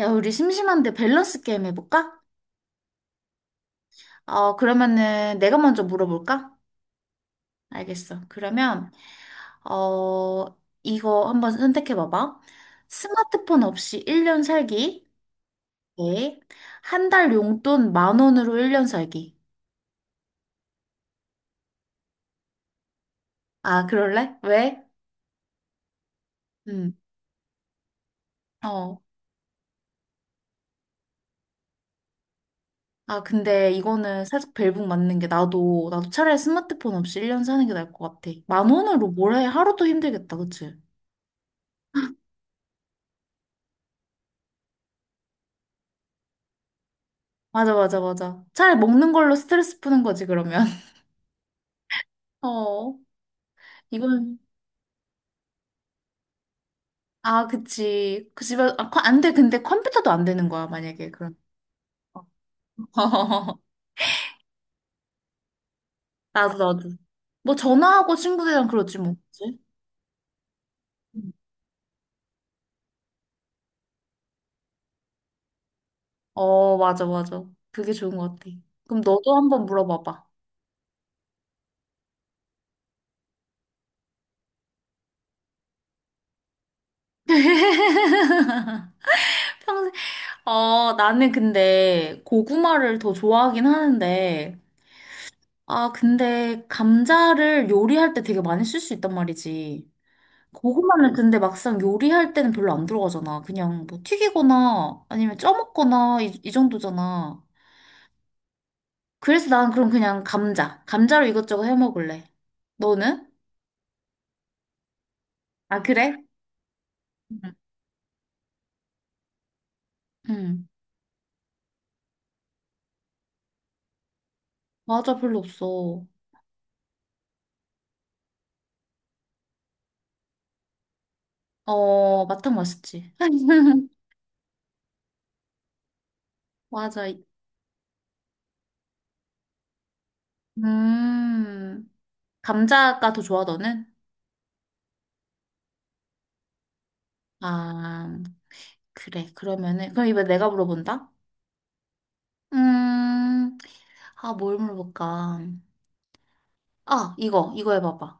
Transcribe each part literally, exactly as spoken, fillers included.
야, 우리 심심한데 밸런스 게임 해볼까? 어, 그러면은 내가 먼저 물어볼까? 알겠어. 그러면, 어, 이거 한번 선택해봐봐. 스마트폰 없이 일 년 살기. 네. 한 달 용돈 만 원으로 일 년 살기. 아, 그럴래? 왜? 음, 어. 아, 근데 이거는 살짝 벨붕 맞는 게 나도, 나도 차라리 스마트폰 없이 일 년 사는 게 나을 것 같아. 만 원으로 뭘 해? 하루도 힘들겠다, 그치? 맞아, 맞아, 맞아. 차라리 먹는 걸로 스트레스 푸는 거지, 그러면. 어, 이건, 아, 그치. 그 집에, 아, 컴- 안 돼. 근데 컴퓨터도 안 되는 거야, 만약에, 그럼. 나도, 나도. 뭐, 전화하고 친구들이랑 그러지, 뭐. 그치? 어, 맞아, 맞아. 그게 좋은 것 같아. 그럼 너도 한번 물어봐봐. 평생, 어, 나는 근데 고구마를 더 좋아하긴 하는데, 아, 근데 감자를 요리할 때 되게 많이 쓸 수 있단 말이지. 고구마는 근데 막상 요리할 때는 별로 안 들어가잖아. 그냥 뭐 튀기거나 아니면 쪄먹거나 이, 이 정도잖아. 그래서 난 그럼 그냥 감자. 감자로 이것저것 해 먹을래. 너는? 아, 그래? 응. 응. 맞아, 별로 없어. 어, 마탕 맛있지. 맞아. 음. 감자가 더 좋아, 너는? 아, 그래. 그러면은, 그럼 이번에 내가 물어본다? 음, 아, 뭘 물어볼까? 아, 이거, 이거 해봐봐.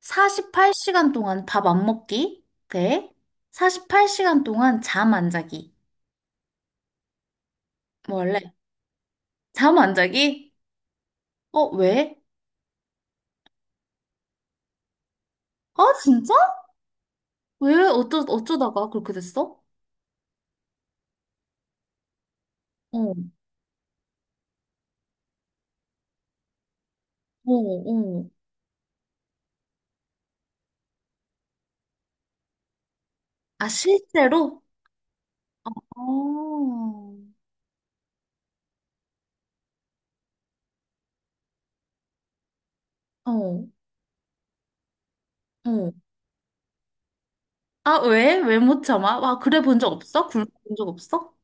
사십팔 시간 동안 밥 안 먹기 대 사십팔 시간 동안 잠 안 자기. 원래 잠 안 자기? 어, 왜? 아, 진짜? 왜 어쩌 어쩌다가 그렇게 됐어? 어, 어, 어. 아, 실제로? 어, 어, 어. 아, 왜? 왜 못 참아? 아, 그래 본 적 없어? 굶어 본적 없어?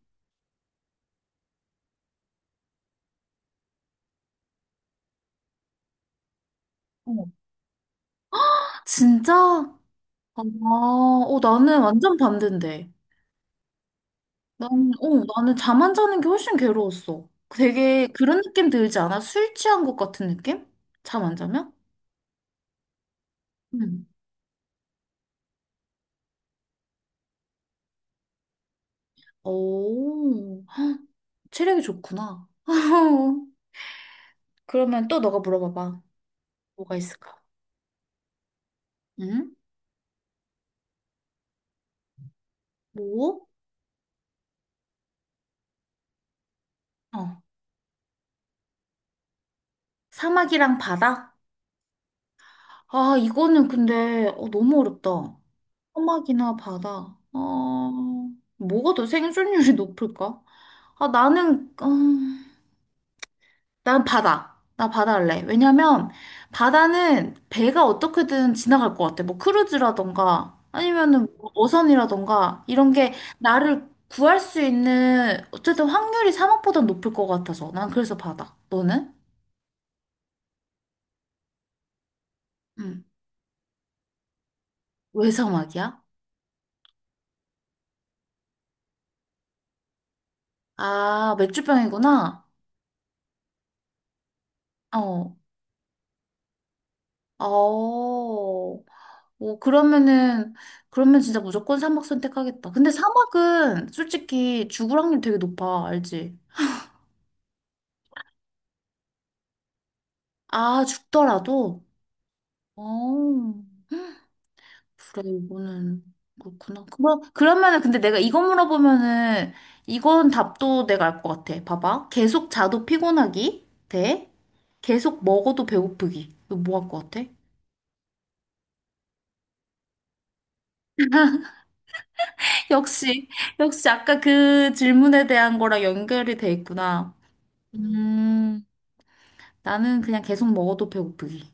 어. 진짜? 아, 어, 나는 완전 반대인데. 나는, 어, 나는 잠 안 자는 게 훨씬 괴로웠어. 되게 그런 느낌 들지 않아? 술 취한 것 같은 느낌? 잠 안 자면? 응. 오, 체력이 좋구나. 그러면 또 너가 물어봐봐. 뭐가 있을까? 응? 뭐? 어. 사막이랑 바다? 아, 이거는 근데 어, 너무 어렵다. 사막이나 바다. 어, 뭐가 더 생존율이 높을까? 아, 나는, 어 난 바다. 나 바다 할래. 왜냐면 바다는 배가 어떻게든 지나갈 것 같아. 뭐 크루즈라던가 아니면은 뭐 어선이라던가 이런 게 나를 구할 수 있는 어쨌든 확률이 사막보다 높을 것 같아서 난 그래서 바다. 너는? 응. 왜 사막이야? 아, 맥주병이구나. 어. 어. 뭐 그러면은 그러면 진짜 무조건 사막 선택하겠다. 근데 사막은 솔직히 죽을 확률 되게 높아. 알지? 아, 죽더라도? 어. 그래, 이거는 그렇구나. 그럼, 그러면은 근데 내가 이거 물어보면은 이건 답도 내가 알 것 같아. 봐봐. 계속 자도 피곤하기 대 계속 먹어도 배고프기. 이거 뭐 할 것 같아? 역시, 역시 아까 그 질문에 대한 거랑 연결이 돼 있구나. 음, 나는 그냥 계속 먹어도 배고프기.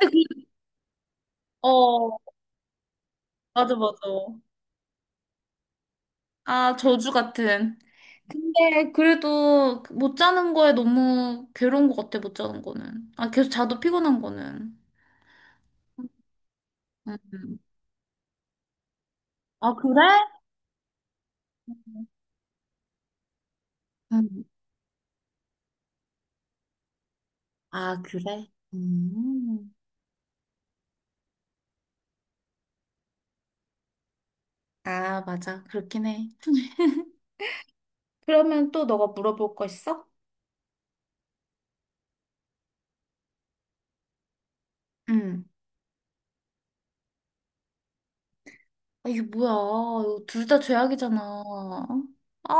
근데 그, 어, 맞아, 맞아. 아, 저주 같은. 근데 그래도 그 못 자는 거에 너무 괴로운 것 같아, 못 자는 거는. 아, 계속 자도 피곤한 거는. 음. 아, 그래? 음. 아, 그래? 음. 아, 맞아. 그렇긴 해. 그러면 또 너가 물어볼 거 있어? 응. 아, 이게 뭐야. 이거 둘 다 죄악이잖아. 어.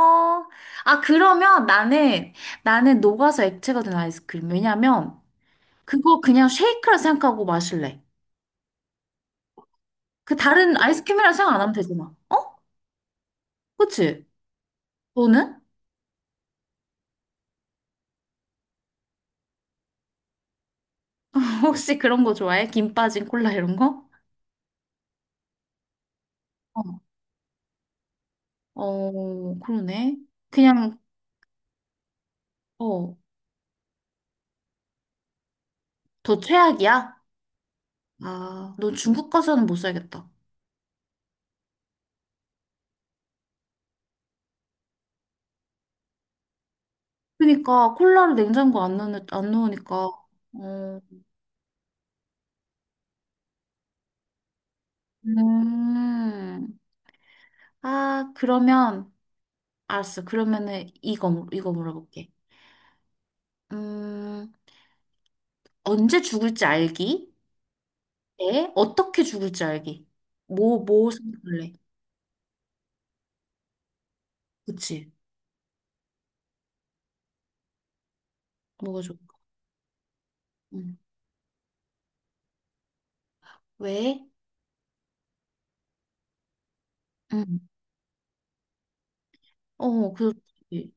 아, 그러면 나는, 나는 녹아서 액체가 된 아이스크림. 왜냐면, 그거 그냥 쉐이크라 생각하고 마실래. 그 다른 아이스크림이라 생각 안 하면 되잖아. 어? 그치? 너는? 혹시 그런 거 좋아해? 김 빠진 콜라 이런 거? 어, 어, 그러네. 그냥, 어, 더 최악이야? 아, 너 중국 가서는 못 살겠다. 그러니까 콜라를 냉장고 안 넣는, 안 넣으니까. 어, 음. 아, 그러면, 알았어. 그러면은 이거, 물- 이거 물어볼게. 음, 언제 죽을지 알기? 에? 어떻게 죽을지 알기? 뭐, 뭐 선택할래? 그치? 뭐가 좋을까? 응. 왜? 응. 어, 그렇지.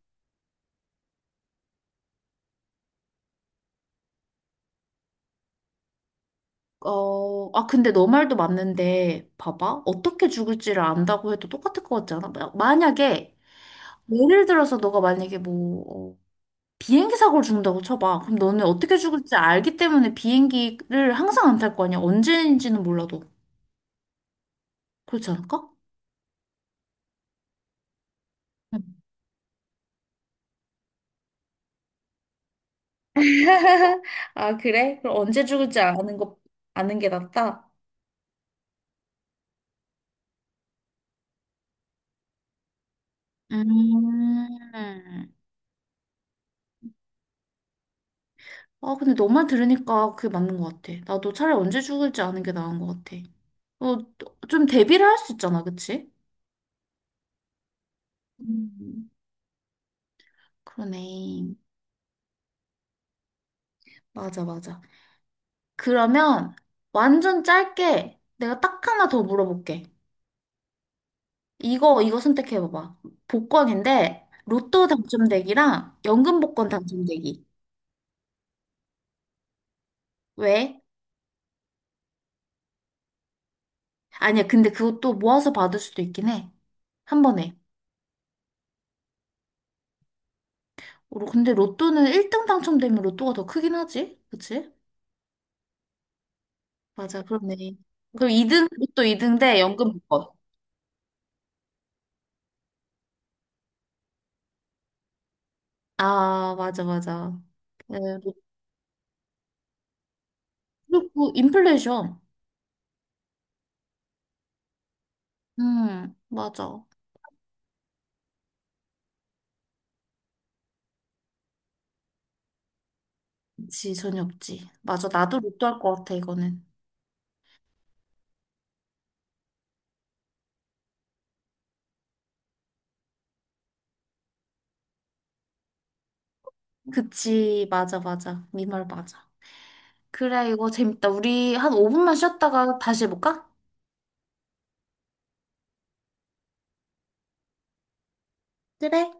어, 아, 근데 너 말도 맞는데, 봐봐. 어떻게 죽을지를 안다고 해도 똑같을 것 같지 않아? 마- 만약에, 예를 들어서 너가 만약에 뭐, 어, 비행기 사고를 죽는다고 쳐봐. 그럼 너는 어떻게 죽을지 알기 때문에 비행기를 항상 안 탈 거 아니야? 언제인지는 몰라도. 그렇지 않을까? 응. 아, 그래? 그럼 언제 죽을지 아는 거, 아는 게 낫다? 음. 아, 근데 너만 들으니까 그게 맞는 것 같아. 나도 차라리 언제 죽을지 아는 게 나은 것 같아. 어, 좀 대비를 할 수 있잖아, 그치? 음. 그러네. 맞아, 맞아. 그러면 완전 짧게 내가 딱 하나 더 물어볼게. 이거, 이거 선택해봐봐. 복권인데, 로또 당첨되기랑 연금 복권 당첨되기. 왜? 아니야, 근데 그것도 모아서 받을 수도 있긴 해. 한 번에. 로- 근데 로또는 일 등 당첨되면 로또가 더 크긴 하지? 그치? 맞아, 그렇네. 그럼 이 등, 또 이 등대 연금 법번 아, 맞아, 맞아. 네, 그리고 인플레이션. 음, 맞아. 그치, 전혀 없지. 맞아, 나도 로또 할 것 같아, 이거는. 그치, 맞아, 맞아. 네 말 맞아. 그래, 이거 재밌다. 우리 한 오 분만 쉬었다가 다시 해볼까? 그래.